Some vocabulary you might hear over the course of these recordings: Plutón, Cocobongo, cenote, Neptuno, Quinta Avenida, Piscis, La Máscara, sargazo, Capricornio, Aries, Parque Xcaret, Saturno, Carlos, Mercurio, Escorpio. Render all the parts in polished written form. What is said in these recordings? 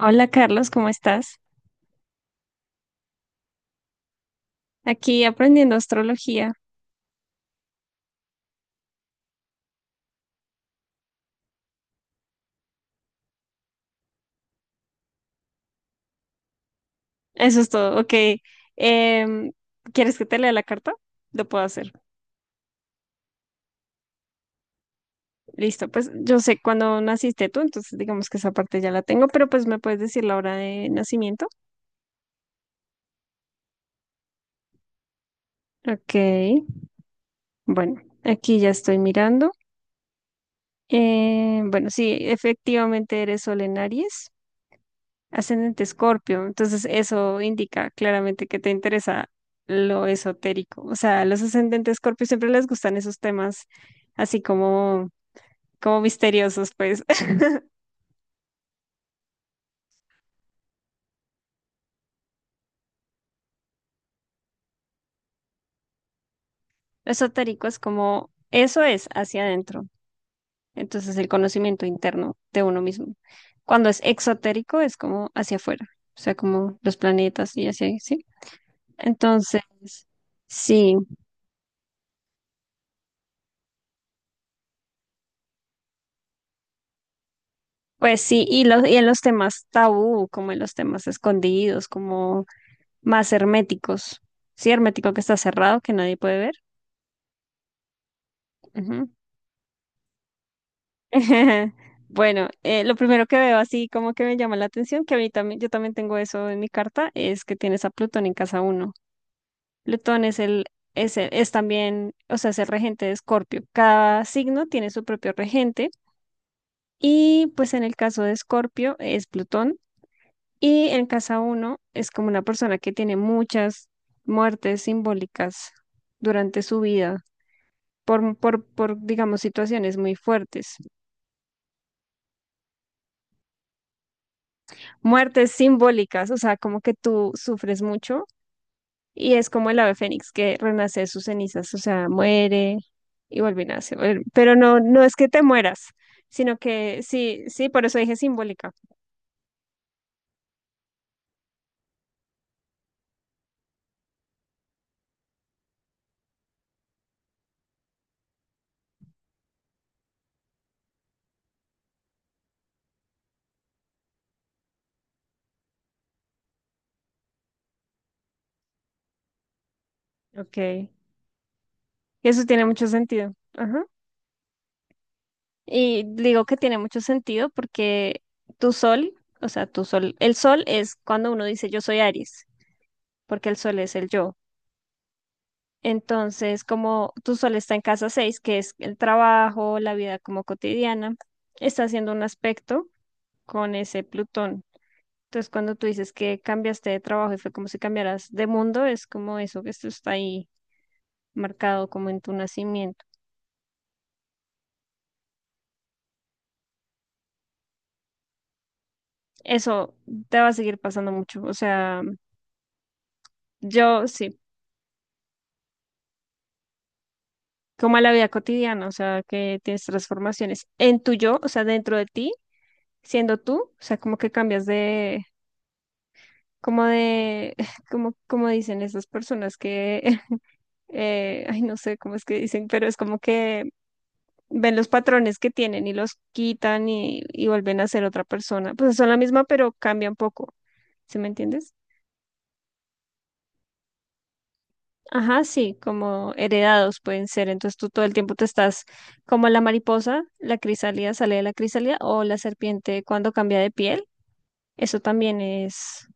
Hola Carlos, ¿cómo estás? Aquí aprendiendo astrología. Eso es todo. Ok. Em, ¿Quieres que te lea la carta? Lo puedo hacer. Listo. Pues yo sé cuándo naciste tú, entonces digamos que esa parte ya la tengo, pero pues me puedes decir la hora de nacimiento. Ok. Bueno, aquí ya estoy mirando. Bueno, sí, efectivamente eres Sol en Aries. Ascendente Escorpio, entonces eso indica claramente que te interesa lo esotérico. O sea, a los ascendentes Escorpio siempre les gustan esos temas así como misteriosos, pues. Lo esotérico es como, eso es hacia adentro, entonces el conocimiento interno de uno mismo. Cuando es exotérico es como hacia afuera, o sea, como los planetas y así, ¿sí? Entonces, sí, pues sí, y en los temas tabú, como en los temas escondidos, como más herméticos. Sí, hermético que está cerrado, que nadie puede ver. Ujú. Bueno, lo primero que veo así como que me llama la atención, que a mí también, yo también tengo eso en mi carta, es que tienes a Plutón en casa uno. Plutón es también, o sea, es el regente de Escorpio. Cada signo tiene su propio regente y pues en el caso de Escorpio es Plutón y en casa uno es como una persona que tiene muchas muertes simbólicas durante su vida por, digamos, situaciones muy fuertes, muertes simbólicas, o sea, como que tú sufres mucho y es como el ave fénix que renace de sus cenizas, o sea, muere y vuelve y nace, pero no, no es que te mueras, sino que sí, sí, por eso dije simbólica, ok, y eso tiene mucho sentido, ajá, y digo que tiene mucho sentido porque tu sol, o sea, tu sol, el sol es cuando uno dice yo soy Aries, porque el sol es el yo. Entonces, como tú solo está en casa 6, que es el trabajo, la vida como cotidiana, está haciendo un aspecto con ese Plutón. Entonces, cuando tú dices que cambiaste de trabajo y fue como si cambiaras de mundo, es como eso que esto está ahí marcado como en tu nacimiento. Eso te va a seguir pasando mucho. O sea, yo sí, como a la vida cotidiana, o sea, que tienes transformaciones en tu yo, o sea, dentro de ti, siendo tú, o sea, como que cambias de como de, como, como dicen esas personas que, ay, no sé cómo es que dicen, pero es como que ven los patrones que tienen y los quitan y vuelven a ser otra persona. Pues son la misma, pero cambia un poco. ¿Sí me entiendes? Ajá, sí, como heredados pueden ser. Entonces tú todo el tiempo te estás como la mariposa, la crisálida sale de la crisálida o la serpiente cuando cambia de piel. Eso también es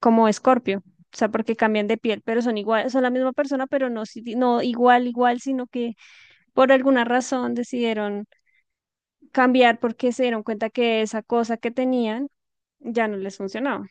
como Escorpio, o sea, porque cambian de piel, pero son igual, son la misma persona, pero no, no igual, igual, sino que por alguna razón decidieron cambiar porque se dieron cuenta que esa cosa que tenían ya no les funcionaba.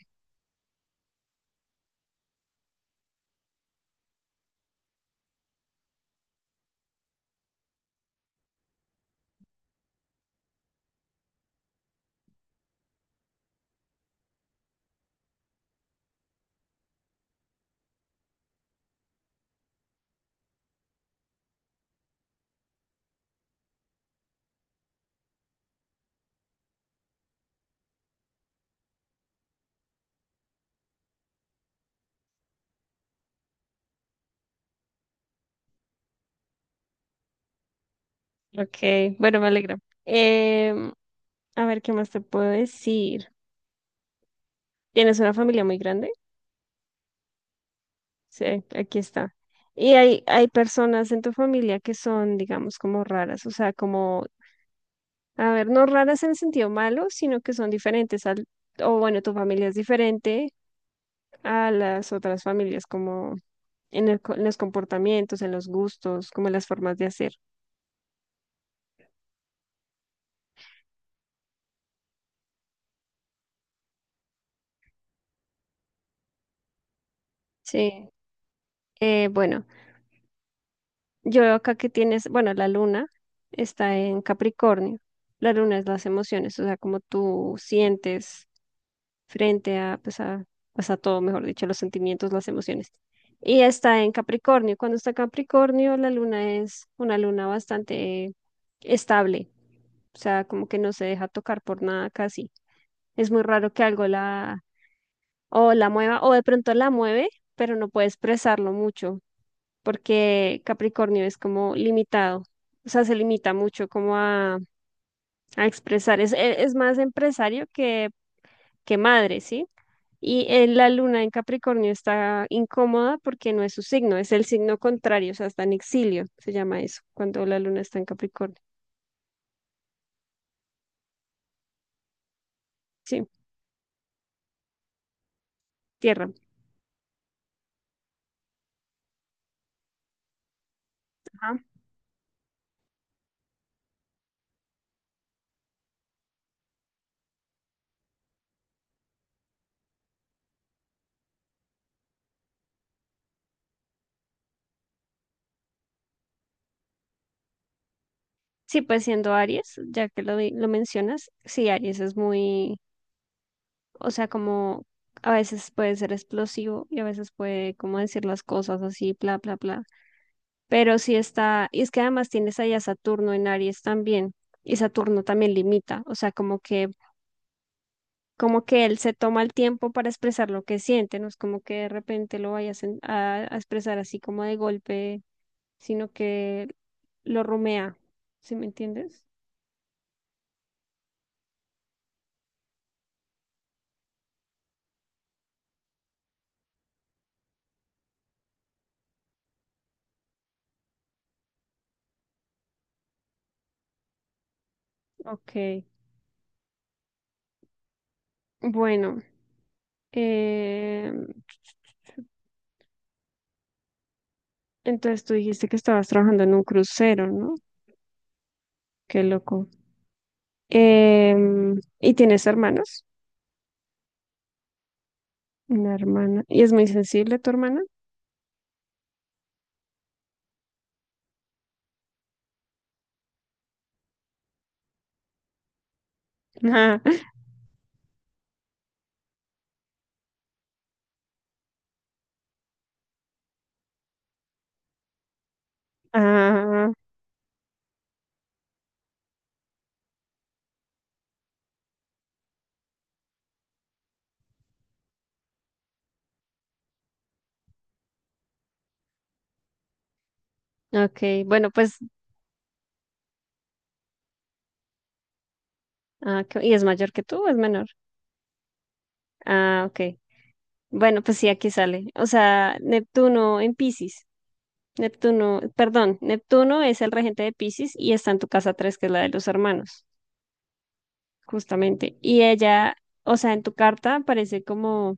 Ok, bueno, me alegra. Em, a ver, ¿qué más te puedo decir? ¿Tienes una familia muy grande? Sí, aquí está. Y hay personas en tu familia que son, digamos, como raras, o sea, como a ver, no raras en el sentido malo, sino que son diferentes al, o bueno, tu familia es diferente a las otras familias, como en los comportamientos, en los gustos, como en las formas de hacer. Sí. Bueno, yo veo acá que tienes, bueno, la luna está en Capricornio. La luna es las emociones, o sea, como tú sientes. Frente a, pues a, pues a todo, mejor dicho, los sentimientos, las emociones. Y está en Capricornio. Cuando está Capricornio, la luna es una luna bastante estable, o sea, como que no se deja tocar por nada casi. Es muy raro que algo la o la mueva o de pronto la mueve, pero no puede expresarlo mucho porque Capricornio es como limitado. O sea, se limita mucho como a expresar. Es más empresario que madre, ¿sí? Y la luna en Capricornio está incómoda porque no es su signo, es el signo contrario, o sea, está en exilio, se llama eso, cuando la luna está en Capricornio. Sí, tierra. Ajá. Sí, pues siendo Aries, ya que lo mencionas, sí, Aries es muy, o sea, como a veces puede ser explosivo y a veces puede como decir las cosas así, bla, bla, bla. Pero sí está, y es que además tienes ahí a Saturno en Aries también, y Saturno también limita, o sea, como que él se toma el tiempo para expresar lo que siente, no es como que de repente lo vayas a expresar así como de golpe, sino que lo rumea, ¿sí me entiendes? Ok, bueno, eh, entonces tú dijiste que estabas trabajando en un crucero, ¿no? Qué loco. ¿Y tienes hermanos? Una hermana. ¿Y es muy sensible tu hermana? Ah, ok. Bueno, pues, ah, ¿y es mayor que tú o es menor? Ah, ok. Bueno, pues sí, aquí sale. O sea, Neptuno en Piscis. Neptuno, perdón, Neptuno es el regente de Piscis y está en tu casa 3, que es la de los hermanos, justamente. Y ella, o sea, en tu carta aparece como,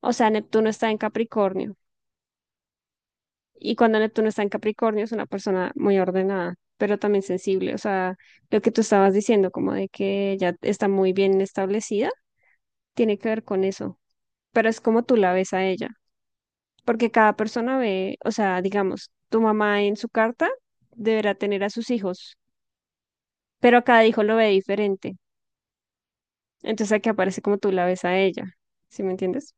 o sea, Neptuno está en Capricornio. Y cuando Neptuno está en Capricornio es una persona muy ordenada, pero también sensible. O sea, lo que tú estabas diciendo, como de que ella está muy bien establecida, tiene que ver con eso. Pero es como tú la ves a ella. Porque cada persona ve, o sea, digamos, tu mamá en su carta deberá tener a sus hijos, pero cada hijo lo ve diferente. Entonces aquí aparece como tú la ves a ella, ¿sí me entiendes?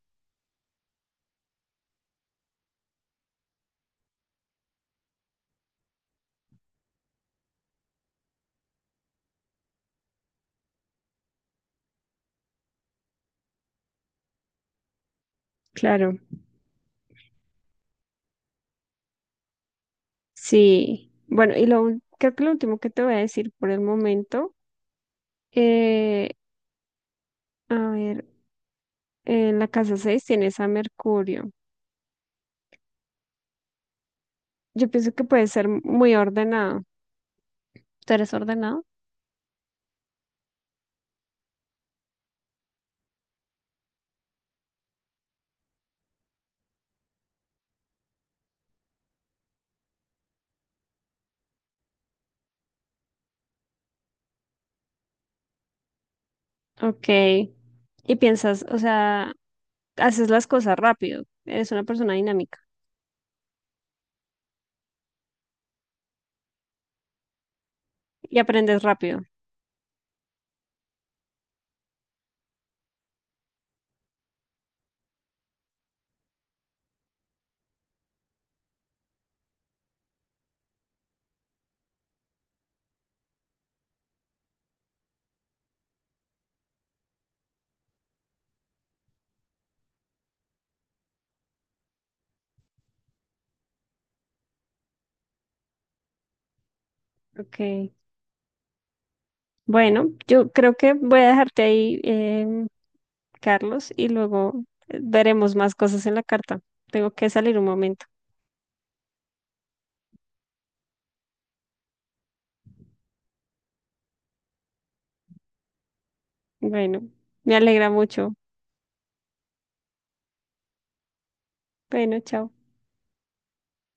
Claro, sí. Bueno, y creo que lo último que te voy a decir por el momento, eh, a ver, en la casa 6 tienes a Mercurio. Yo pienso que puede ser muy ordenado. ¿Tú eres ordenado? Ok. Y piensas, o sea, haces las cosas rápido. Eres una persona dinámica. Y aprendes rápido. Ok. Bueno, yo creo que voy a dejarte ahí, Carlos, y luego veremos más cosas en la carta. Tengo que salir un momento. Bueno, me alegra mucho. Bueno, chao.